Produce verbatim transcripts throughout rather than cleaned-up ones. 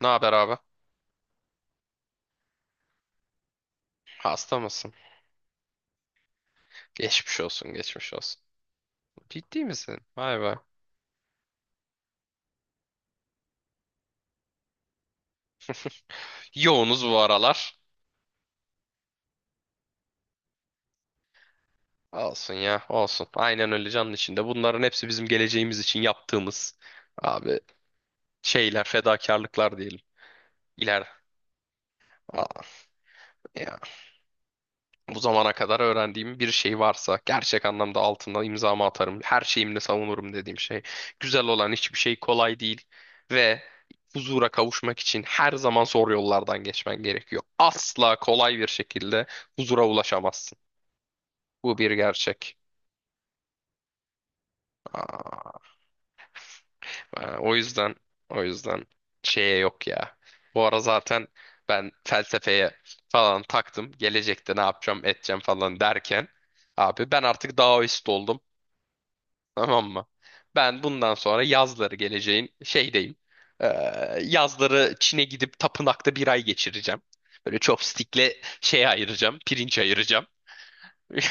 Ne haber abi? Hasta mısın? Geçmiş olsun, geçmiş olsun. Ciddi misin? Vay be. Yoğunuz bu aralar. Olsun ya, olsun. Aynen öyle canın içinde. Bunların hepsi bizim geleceğimiz için yaptığımız abi şeyler, fedakarlıklar diyelim. İler. Aa, ya. Bu zamana kadar öğrendiğim bir şey varsa gerçek anlamda altına imzamı atarım. Her şeyimle savunurum dediğim şey. Güzel olan hiçbir şey kolay değil ve huzura kavuşmak için her zaman zor yollardan geçmen gerekiyor. Asla kolay bir şekilde huzura ulaşamazsın. Bu bir gerçek. Aa, e, o yüzden o yüzden şeye yok ya. Bu ara zaten ben felsefeye falan taktım. Gelecekte ne yapacağım, edeceğim falan derken abi ben artık Daoist oldum. Tamam mı? Ben bundan sonra yazları geleceğin şeydeyim. Ee, Yazları Çin'e gidip tapınakta bir ay geçireceğim. Böyle chopstick'le şey ayıracağım, pirinç ayıracağım.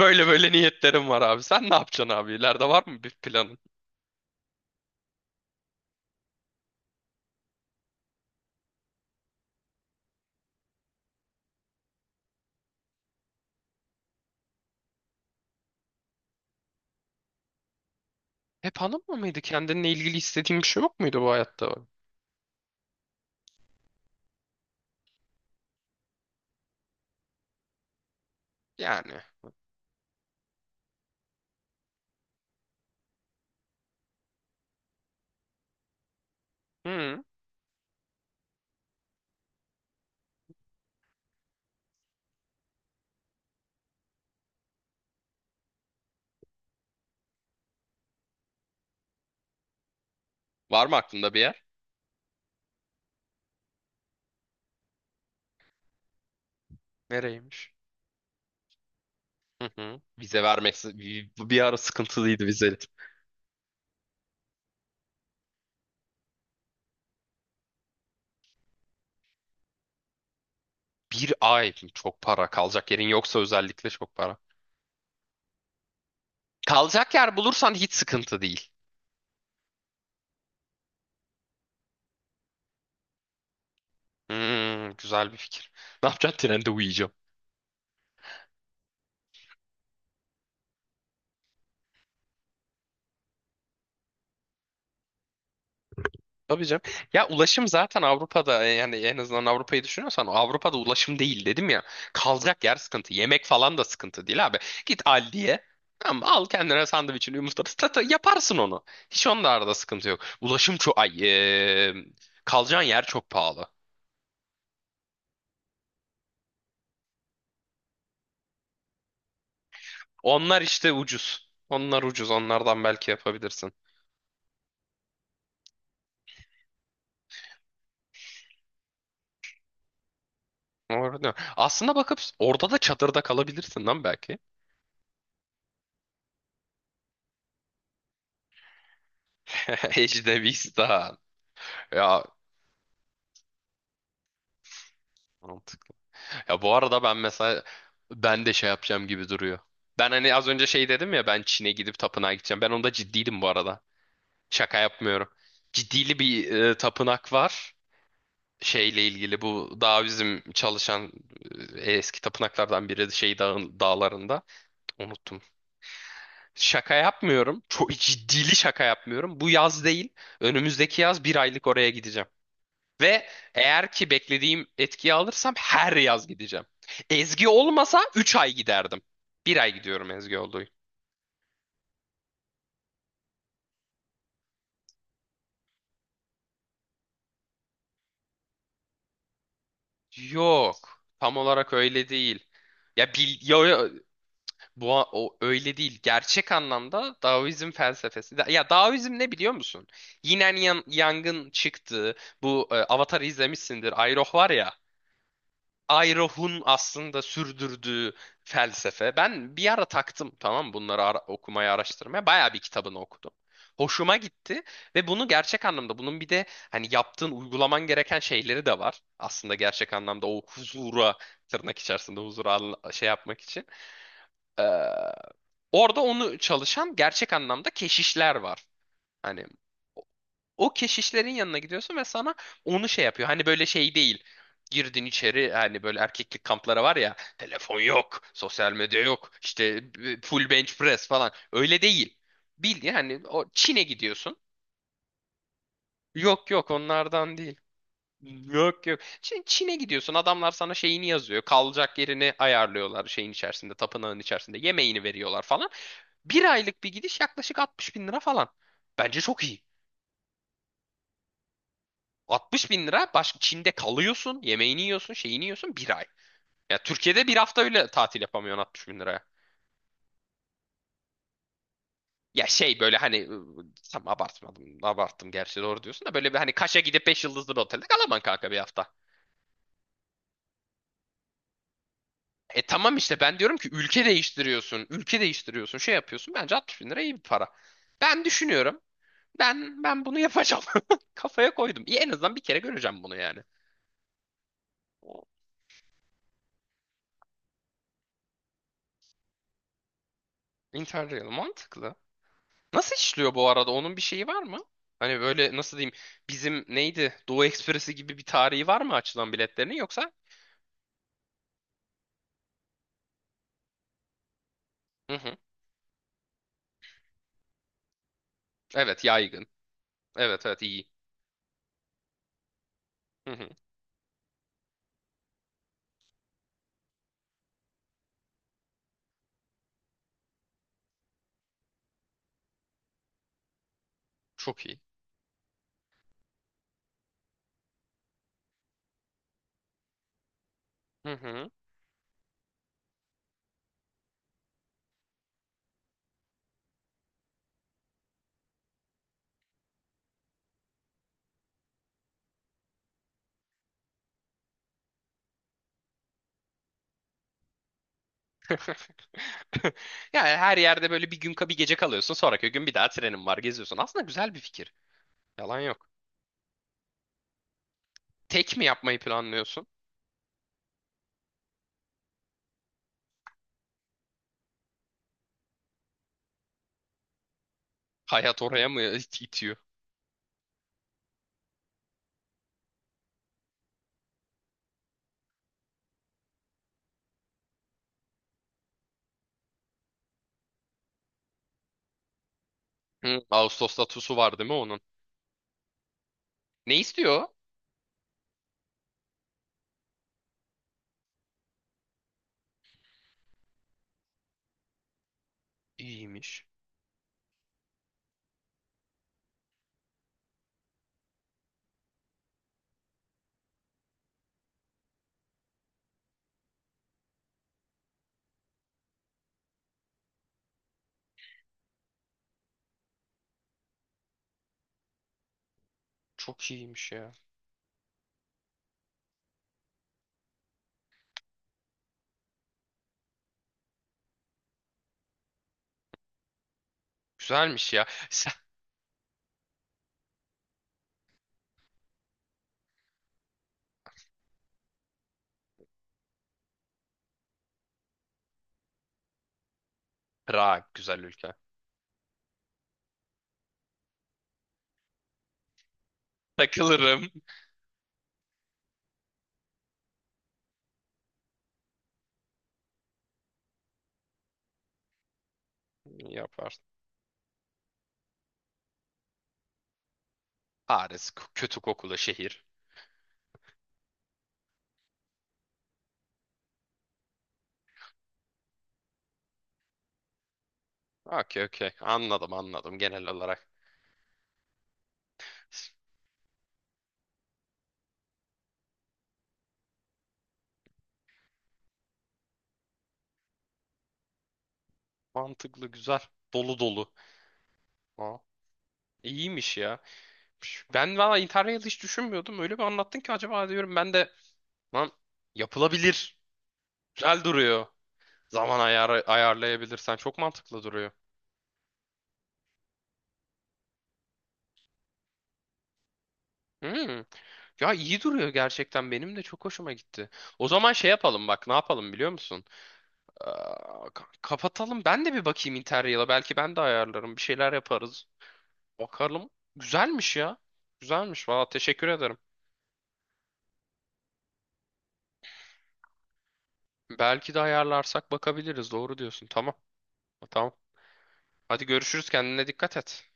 Böyle böyle niyetlerim var abi. Sen ne yapacaksın abi? İleride var mı bir planın? Hep hanım mı mıydı? Kendinle ilgili istediğin bir şey yok muydu bu hayatta? Yani. Hı. Var mı aklında bir yer? Nereymiş? Hı hı. Vize vermesi bir, bir ara sıkıntılıydı vize. Bir ay çok para kalacak yerin yoksa özellikle çok para. Kalacak yer bulursan hiç sıkıntı değil. Hmm, güzel bir fikir. Ne yapacaksın? Trende uyuyacağım. Tabii canım. Ya ulaşım zaten Avrupa'da e, yani en azından Avrupa'yı düşünüyorsan Avrupa'da ulaşım değil dedim ya. Kalacak yer sıkıntı. Yemek falan da sıkıntı değil abi. Git Aldi'ye. Tamam, al kendine sandviçini yumurtanı tata, yaparsın onu. Hiç onda arada sıkıntı yok. Ulaşım çok ay eee, kalacağın yer çok pahalı. Onlar işte ucuz. Onlar ucuz. Onlardan belki yapabilirsin. Orada. Aslında bakıp orada da çadırda kalabilirsin lan belki. Ejdevistan. Ya mantık. Ya bu arada ben mesela ben de şey yapacağım gibi duruyor. Ben hani az önce şey dedim ya ben Çin'e gidip tapınağa gideceğim. Ben onda ciddiydim bu arada. Şaka yapmıyorum. Ciddili bir e, tapınak var. Şeyle ilgili bu daha bizim çalışan e, eski tapınaklardan biri şey dağın, dağlarında. Unuttum. Şaka yapmıyorum. Çok ciddili şaka yapmıyorum. Bu yaz değil. Önümüzdeki yaz bir aylık oraya gideceğim. Ve eğer ki beklediğim etkiyi alırsam her yaz gideceğim. Ezgi olmasa üç ay giderdim. Bir ay gidiyorum Ezgi olduğu. Yok. Tam olarak öyle değil. Ya bil, yo, yo, bu o öyle değil. Gerçek anlamda Daoizm felsefesi. Da- ya Daoizm ne biliyor musun? Yine Yang, Yang'ın çıktığı bu e, Avatar'ı izlemişsindir. Aeroh var ya. Ayrohun aslında sürdürdüğü felsefe. Ben bir ara taktım tamam mı? Bunları ara- okumaya, araştırmaya. Bayağı bir kitabını okudum. Hoşuma gitti ve bunu gerçek anlamda bunun bir de hani yaptığın uygulaman gereken şeyleri de var. Aslında gerçek anlamda o huzura tırnak içerisinde huzura anla- şey yapmak için. Ee, Orada onu çalışan gerçek anlamda keşişler var. Hani o keşişlerin yanına gidiyorsun ve sana onu şey yapıyor. Hani böyle şey değil. Girdin içeri hani böyle erkeklik kamplara var ya telefon yok, sosyal medya yok, işte e, full bench press falan. Öyle değil. Bildiğin hani o Çin'e gidiyorsun. Yok yok onlardan değil. Yok yok. Çin, Çin'e gidiyorsun adamlar sana şeyini yazıyor. Kalacak yerini ayarlıyorlar şeyin içerisinde, tapınağın içerisinde. Yemeğini veriyorlar falan. Bir aylık bir gidiş yaklaşık altmış bin lira falan. Bence çok iyi. altmış bin lira başka Çin'de kalıyorsun, yemeğini yiyorsun, şeyini yiyorsun bir ay. Ya Türkiye'de bir hafta öyle tatil yapamıyorsun altmış bin liraya. Ya şey böyle hani ıı, tam abartmadım, abarttım gerçi doğru diyorsun da böyle bir hani Kaş'a gidip beş yıldızlı bir otelde kalamam kanka bir hafta. E tamam işte ben diyorum ki ülke değiştiriyorsun, ülke değiştiriyorsun, şey yapıyorsun. Bence altmış bin lira iyi bir para. Ben düşünüyorum. Ben ben bunu yapacağım. Kafaya koydum. İyi, en azından bir kere göreceğim bunu yani. O- Interrail mantıklı. Nasıl işliyor bu arada? Onun bir şeyi var mı? Hani böyle nasıl diyeyim? Bizim neydi? Doğu Ekspresi gibi bir tarihi var mı açılan biletlerinin yoksa? Hı hı. Evet yaygın. Evet evet iyi. Hı hı. Çok iyi. Hı hı. Yani her yerde böyle bir gün bir gece kalıyorsun. Sonraki gün bir daha trenin var geziyorsun. Aslında güzel bir fikir. Yalan yok. Tek mi yapmayı planlıyorsun? Hayat oraya mı it- itiyor? Hı. Ağustos'ta TUS'u var değil mi onun? Ne istiyor? İyiymiş. Çok iyiymiş ya. Güzelmiş ya. Prag güzel ülke. Takılırım. Yapar. Paris k- kötü kokulu şehir. Okey okey. Anladım anladım genel olarak. Mantıklı güzel. Dolu dolu. Aa, iyiymiş ya. Ben valla Interrail hiç düşünmüyordum. Öyle bir anlattın ki acaba diyorum ben de lan yapılabilir. Güzel duruyor. Zaman ayarı ayarlayabilirsen çok mantıklı duruyor. Hmm. Ya iyi duruyor gerçekten. Benim de çok hoşuma gitti. O zaman şey yapalım bak ne yapalım biliyor musun? Aa, ka- kapatalım. Ben de bir bakayım Interrail'a. Belki ben de ayarlarım. Bir şeyler yaparız. Bakalım. Güzelmiş ya. Güzelmiş. Valla teşekkür ederim. Belki de ayarlarsak bakabiliriz. Doğru diyorsun. Tamam. Tamam. Hadi görüşürüz. Kendine dikkat et.